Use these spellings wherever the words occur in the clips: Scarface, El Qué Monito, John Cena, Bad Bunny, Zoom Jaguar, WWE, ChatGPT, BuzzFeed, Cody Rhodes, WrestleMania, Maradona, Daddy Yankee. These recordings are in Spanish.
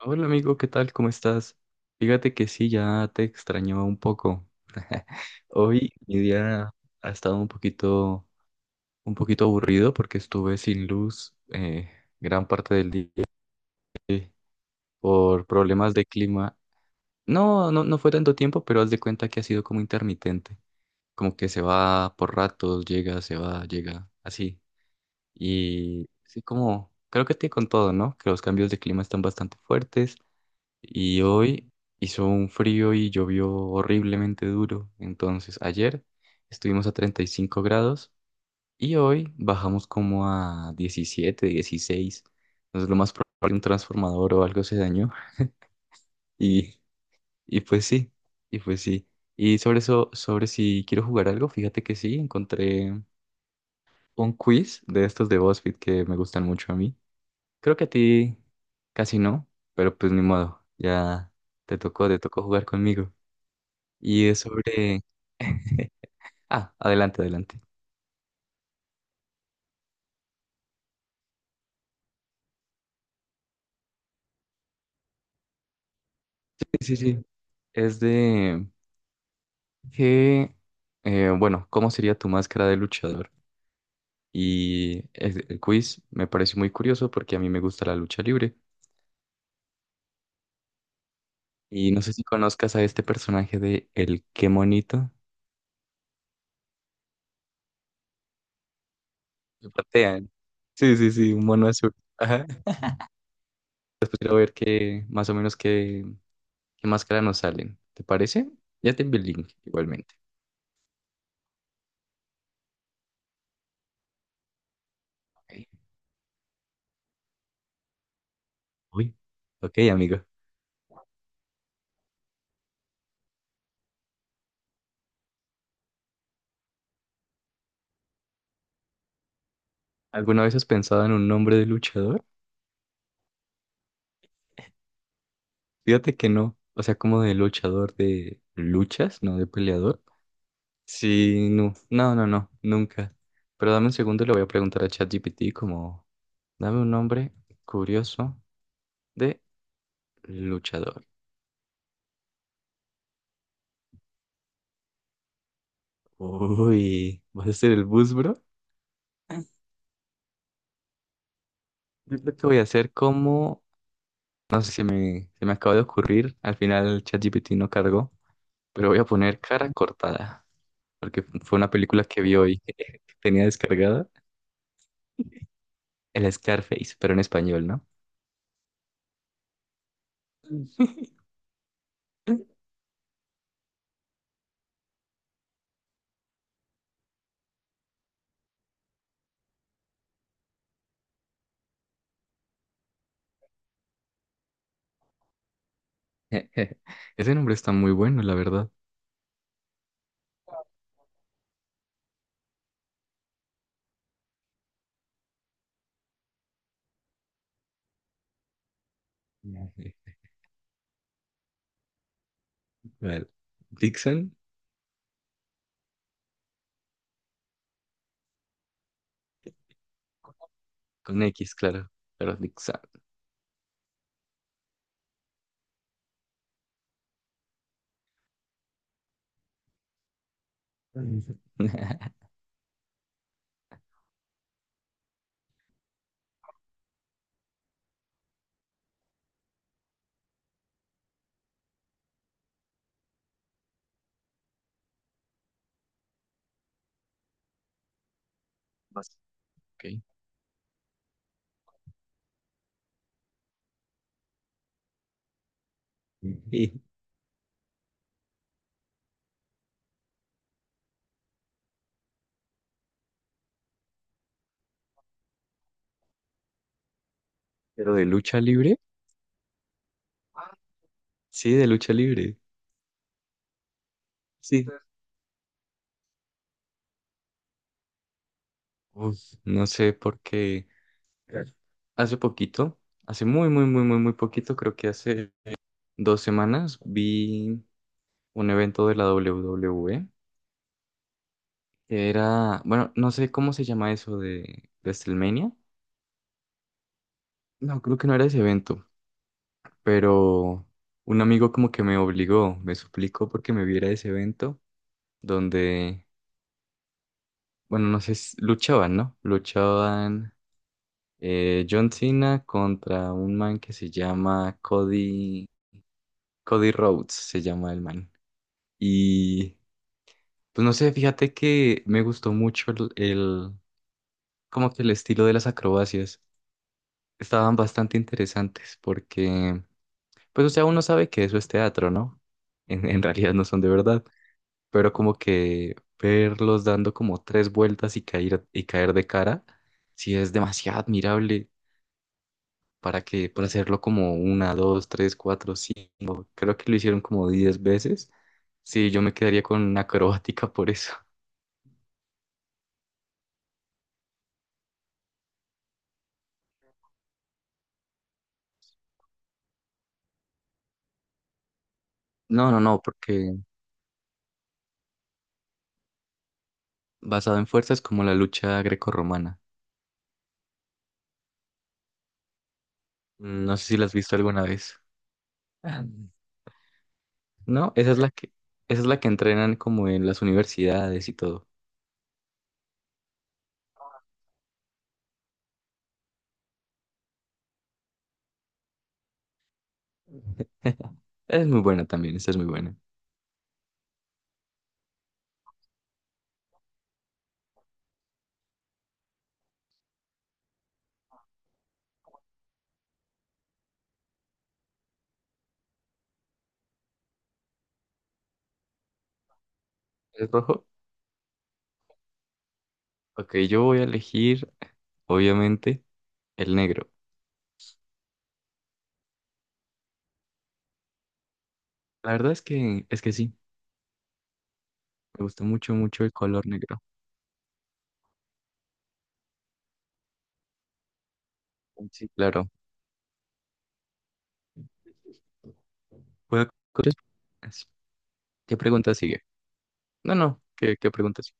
Hola amigo, ¿qué tal? ¿Cómo estás? Fíjate que sí, ya te extrañaba un poco. Hoy mi día ha estado un poquito aburrido porque estuve sin luz gran parte del día por problemas de clima. No, no, no fue tanto tiempo, pero haz de cuenta que ha sido como intermitente, como que se va por ratos, llega, se va, llega, así. Y sí, como creo que te con todo, ¿no? Que los cambios de clima están bastante fuertes. Y hoy hizo un frío y llovió horriblemente duro. Entonces ayer estuvimos a 35 grados y hoy bajamos como a 17 dieciséis. Entonces lo más probable un transformador o algo se dañó. Y, y pues sí, y pues sí. Y sobre eso, sobre si quiero jugar algo, fíjate que sí, encontré un quiz de estos de BuzzFeed que me gustan mucho a mí. Creo que a ti casi no, pero pues ni modo, ya te tocó jugar conmigo. Y es sobre... Ah, adelante, adelante. Sí, sí, sí, es de que, bueno, ¿cómo sería tu máscara de luchador? Y el quiz me parece muy curioso porque a mí me gusta la lucha libre. Y no sé si conozcas a este personaje de El Qué Monito. Que patean. Sí, sí, sí, un mono azul. Ajá. Después quiero ver qué, más o menos qué, qué máscara nos salen. ¿Te parece? Ya te envié el link igualmente. Ok. Uy. Ok, amigo. ¿Alguna vez has pensado en un nombre de luchador? Fíjate que no, o sea, como de luchador de luchas, no de peleador. Sí, no, no, no, no, nunca. Pero dame un segundo, le voy a preguntar a ChatGPT como, dame un nombre curioso de luchador. Uy, ¿vas a ser el bus, bro? Yo creo que voy a hacer como, no sé si me, se me acaba de ocurrir, al final el ChatGPT no cargó, pero voy a poner cara cortada, porque fue una película que vi hoy que tenía descargada. El Scarface, pero en español, ¿no? Ese nombre está muy bueno, la verdad. Sí. Vale. Dixon, con X, claro, pero Dixon. Vas. Ok. Sí. Pero de lucha libre, sí, de lucha libre, sí. Uf, no sé por qué. Hace poquito, hace muy, muy, muy, muy, muy poquito, creo que hace dos semanas, vi un evento de la WWE. Era, bueno, no sé cómo se llama eso de WrestleMania. No, creo que no era ese evento, pero un amigo como que me obligó, me suplicó porque me viera ese evento donde, bueno, no sé, luchaban, ¿no? Luchaban John Cena contra un man que se llama Cody, Cody Rhodes, se llama el man. Y pues no sé, fíjate que me gustó mucho el como que el estilo de las acrobacias. Estaban bastante interesantes porque pues, o sea, uno sabe que eso es teatro, ¿no? En realidad no son de verdad, pero como que verlos dando como tres vueltas y caer de cara, sí es demasiado admirable para que, para hacerlo como una, dos, tres, cuatro, cinco, creo que lo hicieron como diez veces. Sí, yo me quedaría con una acrobática por eso. No, no, no, porque basado en fuerzas como la lucha grecorromana. No sé si la has visto alguna vez. No, esa es la que entrenan como en las universidades y todo. Es muy buena también, esta es muy buena. ¿Es rojo? Ok, yo voy a elegir, obviamente, el negro. La verdad es que sí, me gusta mucho, mucho el color negro. Sí, claro. Tres preguntas. ¿Qué pregunta sigue? No, no, ¿qué pregunta sigue?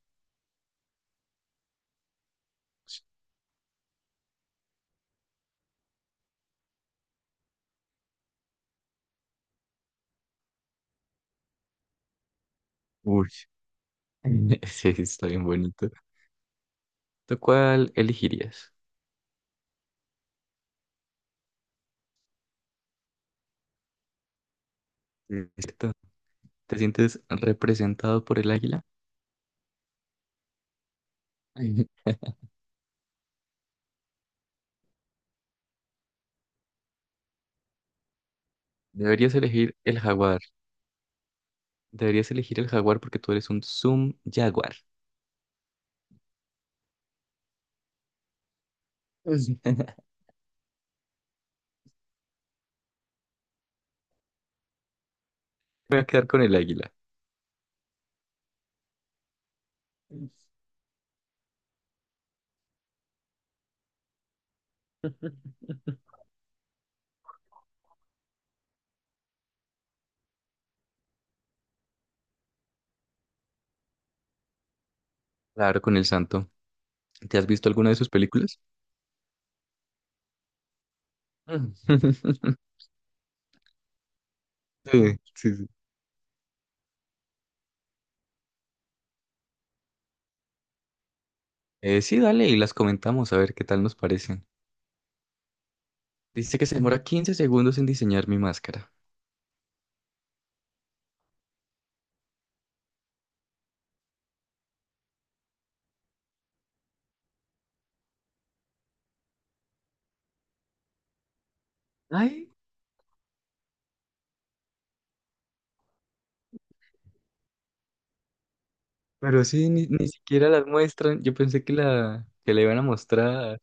Uy, sí, está bien bonito. ¿Tú cuál elegirías? Listo. ¿Te sientes representado por el águila? Deberías elegir el jaguar. Deberías elegir el jaguar porque tú eres un Zoom Jaguar. Sí. Voy a quedar con el águila. Claro, con el santo. ¿Te has visto alguna de sus películas? Mm. Sí, sí, sí. Sí, dale y las comentamos a ver qué tal nos parecen. Dice que se demora 15 segundos en diseñar mi máscara. Ay, pero sí, ni siquiera las muestran. Yo pensé que que la iban a mostrar.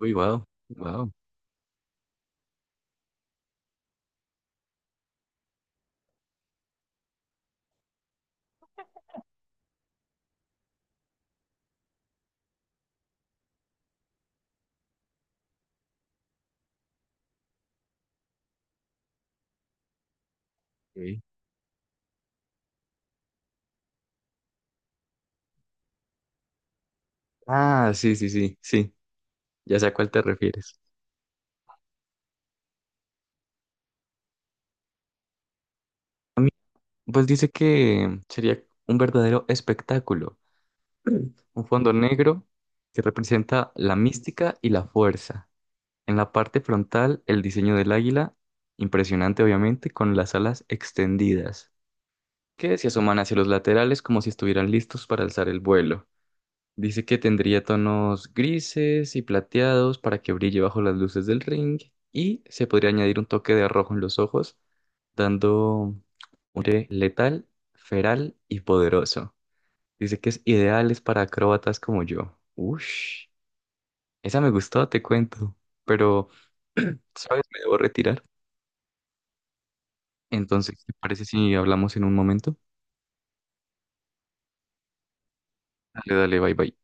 Uy, wow, wow. Ok. Ah, sí, sí, sí, sí. Ya sé a cuál te refieres. Pues dice que sería un verdadero espectáculo, un fondo negro que representa la mística y la fuerza. En la parte frontal, el diseño del águila, impresionante obviamente, con las alas extendidas, que se asoman hacia los laterales como si estuvieran listos para alzar el vuelo. Dice que tendría tonos grises y plateados para que brille bajo las luces del ring y se podría añadir un toque de rojo en los ojos, dando un aire letal, feral y poderoso. Dice que es ideal es para acróbatas como yo. Ush, esa me gustó, te cuento, pero, ¿sabes? Me debo retirar. Entonces, ¿te parece si hablamos en un momento? Dale, dale, bye bye.